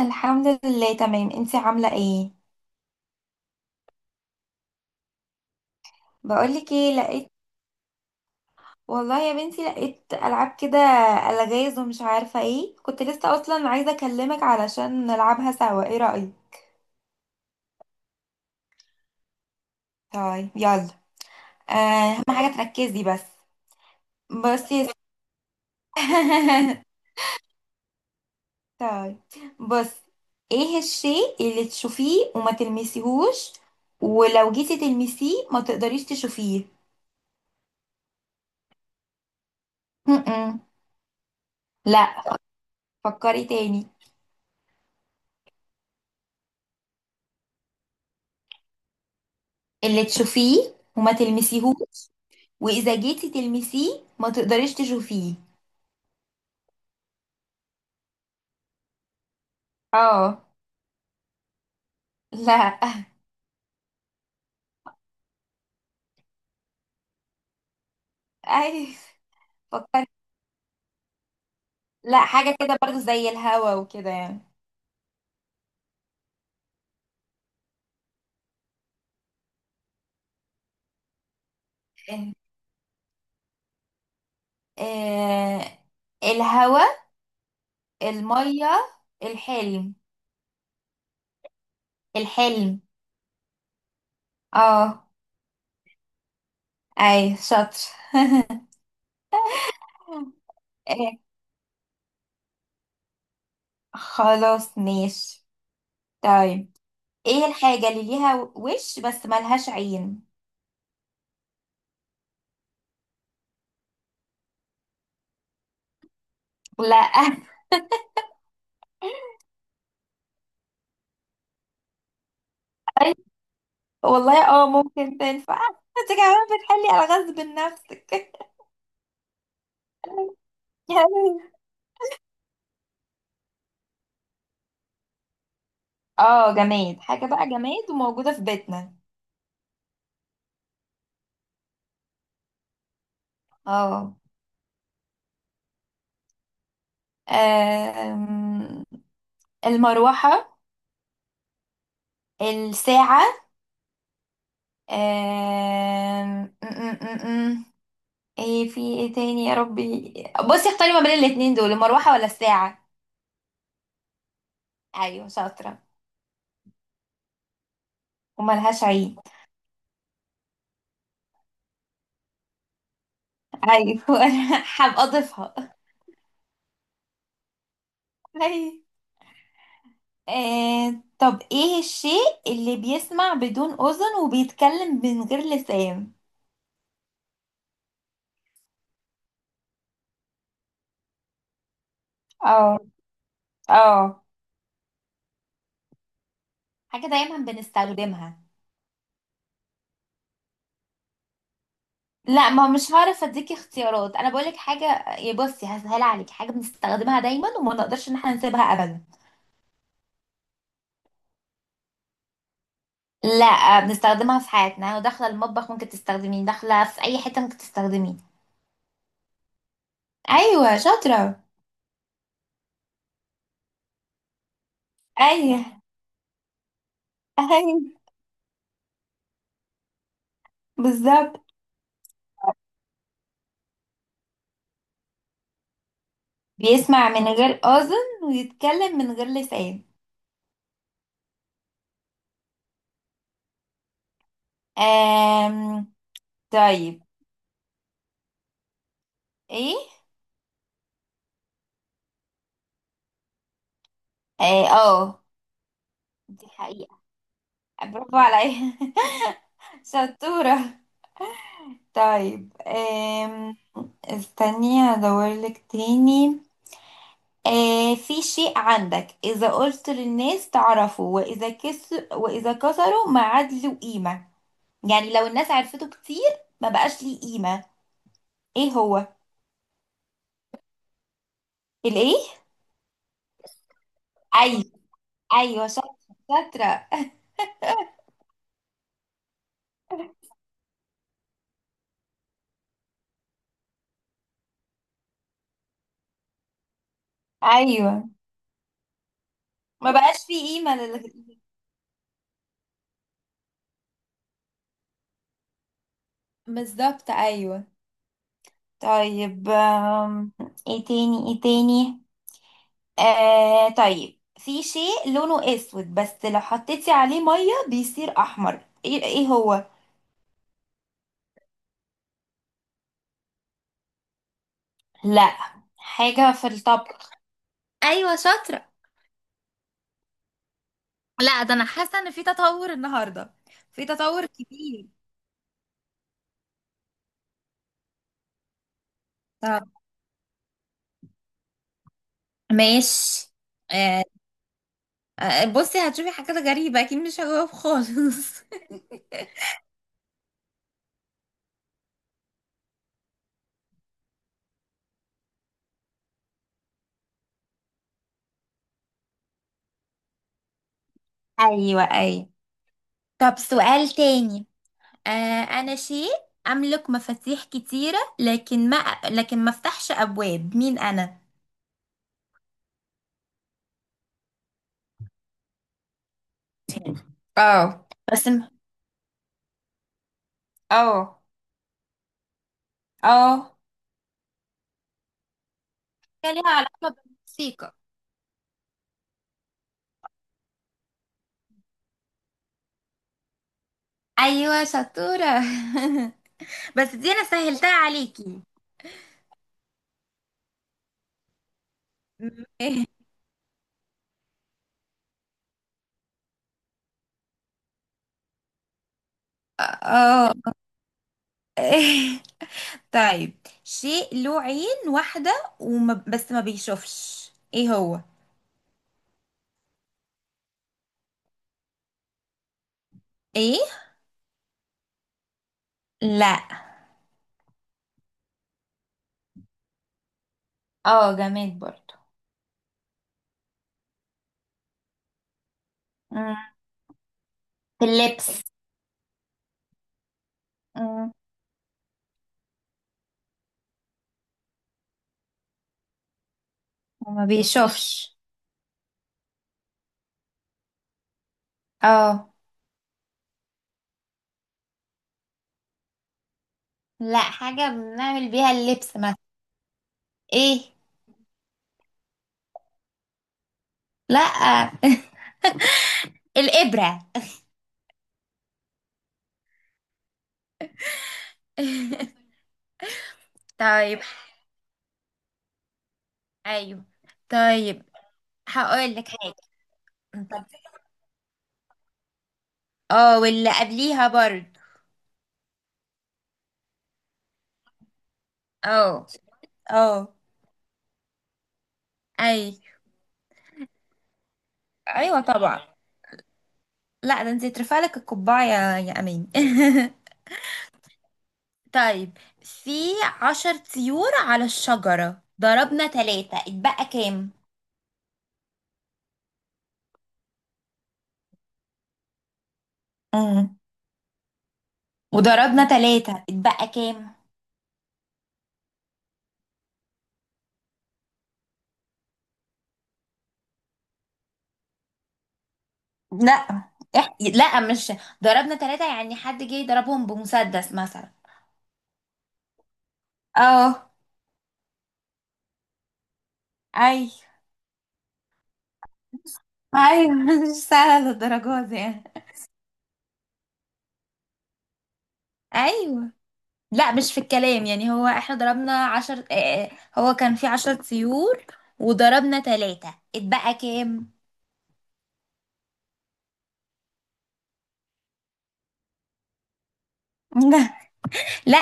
الحمد لله تمام. انتي عاملة ايه؟ بقولك ايه، لقيت والله يا بنتي لقيت ألعاب كده، ألغاز ومش عارفة ايه. كنت لسه أصلا عايزة أكلمك علشان نلعبها سوا، ايه رأيك؟ طيب يلا. أهم حاجة تركزي بس. بصي يا س- طيب، بصي، ايه الشيء اللي تشوفيه وما تلمسيهوش ولو جيتي تلمسيه ما تقدريش تشوفيه؟ م-م. لا، فكري تاني. اللي تشوفيه وما تلمسيهوش، واذا جيتي تلمسيه ما تقدريش تشوفيه. اه. لا. اي. فكرت. لا، حاجه كده برضو زي الهوا وكده يعني. آه الهوا، الميه، الحلم. الحلم. اه. اي شاطر. إيه، خلاص ماشي. طيب، ايه الحاجة اللي ليها وش بس ملهاش عين؟ لا. أي، والله اه ممكن تنفع. انت كمان بتحلي الغاز بنفسك. اه، جماد. حاجة بقى جماد وموجودة في بيتنا. اه. آم، المروحة، الساعة، آم، م- م- م- م. ايه في ايه تاني يا ربي؟ بصي، اختاري ما بين الاتنين دول: المروحة ولا الساعة؟ ايوه شاطرة. وملهاش عيد. ايوه. انا هبقى اضيفها. أيوة. طب ايه الشيء اللي بيسمع بدون اذن وبيتكلم من غير لسان؟ اه. اه. حاجة دايما بنستخدمها. لا، ما مش هعرف اديكي اختيارات، انا بقولك حاجه. يا بصي هسهل عليك، حاجه بنستخدمها دايما وما نقدرش ان احنا نسيبها ابدا. لا، بنستخدمها في حياتنا، وداخله المطبخ ممكن تستخدميه، داخله في اي حته ممكن تستخدميه. ايوه شاطره. ايوه. ايوه بالظبط. بيسمع من غير اذن ويتكلم من غير لسان. آم... طيب، ايه؟ اه. دي حقيقه. برافو عليا. شطوره. طيب، استني هدورلك تاني. آه، في شيء عندك إذا قلت للناس تعرفه وإذا كسروا ما عاد له قيمة. يعني لو الناس عرفته كتير ما بقاش ليه قيمة. إيه هو؟ الإيه؟ أيوة. أيوة شاطرة شاطرة. أيوه، ما بقاش فيه قيمة لل... بالظبط أيوه. طيب، إيه تاني إيه تاني؟ آه طيب، في شيء لونه اسود بس لو حطيتي عليه ميه بيصير احمر، ايه ايه هو؟ لا، حاجه في الطبخ. ايوه شاطره. لا ده انا حاسه ان في تطور النهارده، في تطور كبير. طب ماشي. آه. آه، بصي هتشوفي حاجات غريبه اكيد مش هجاوب خالص. ايوه ايوه. طب سؤال تاني. آه، شيء املك مفاتيح كتيره، لكن ما افتحش ابواب، مين انا؟ اه بس م- اه. اه، هي ليها علاقة بالموسيقى. ايوه شطورة. بس دي انا سهلتها عليكي. م- اه. طيب، شيء له عين واحدة وما بس ما بيشوفش، ايه هو؟ ايه؟ لا. اه جماد برضو. مم. في اللبس. مم. وما بيشوفش. اه. لا، حاجة بنعمل بيها اللبس مثلا. ايه؟ لا. الإبرة. طيب. ايوه. طيب، هقول لك حاجه. طب. اه، واللي قبليها برضه. اه. اه. اي. ايوه طبعا. لا ده انت ترفع لك القبعه يا يا امين. طيب، في 10 طيور على الشجره، ضربنا 3، اتبقى كام؟ امم. وضربنا 3 اتبقى كام؟ لا إح... لا مش ضربنا ثلاثة يعني حد جه يضربهم بمسدس مثلا. اه. اي. ايوه. مش سهله للدرجه دي يعني. ايوه. لا مش في الكلام، يعني هو احنا ضربنا عشر آه هو كان في 10 طيور وضربنا 3، اتبقى كام؟ لا،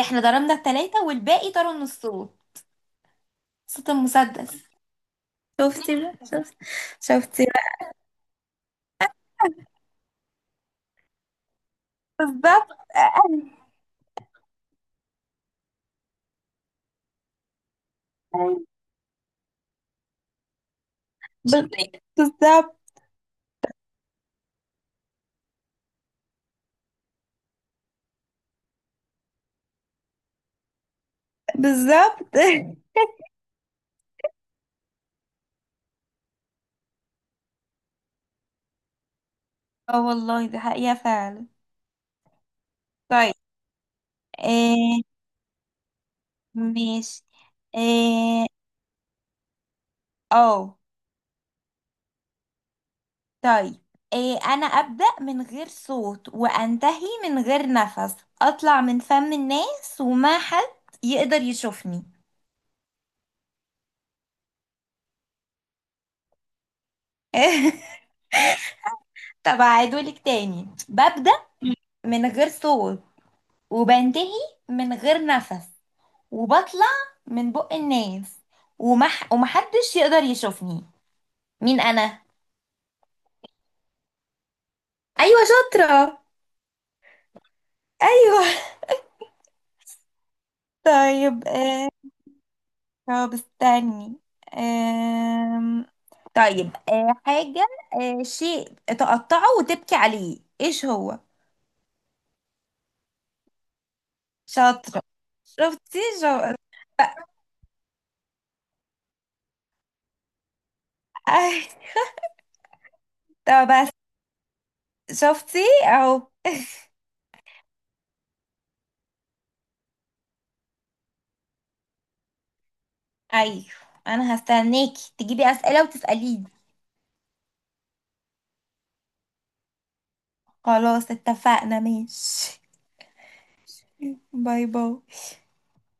احنا ضربنا الـ3 والباقي طاروا من الصوت، صوت المسدس. شفتي بقى، شفتي، شفتي بقى بالظبط. أيوة. شطير. بالظبط بالظبط. اه والله دي حقيقة فعلا. طيب. آه ماشي. اه. آه. طيب، إيه؟ أنا أبدأ من غير صوت وأنتهي من غير نفس، أطلع من فم الناس وما حد يقدر يشوفني. طب أعيدهولك تاني. ببدأ من غير صوت، وبنتهي من غير نفس، وبطلع من بق الناس، ومحدش يقدر يشوفني. مين أنا؟ أيوة شاطرة. أيوة. طيب، هو بستني. أم... طيب، أه حاجة أه شيء تقطعه وتبكي عليه، ايش هو؟ شاطرة. شفتي أي... طب بس، شفتي، اهو. ايوه انا هستناكي تجيبي اسئلة وتسأليني. خلاص اتفقنا، ماشي. باي باي.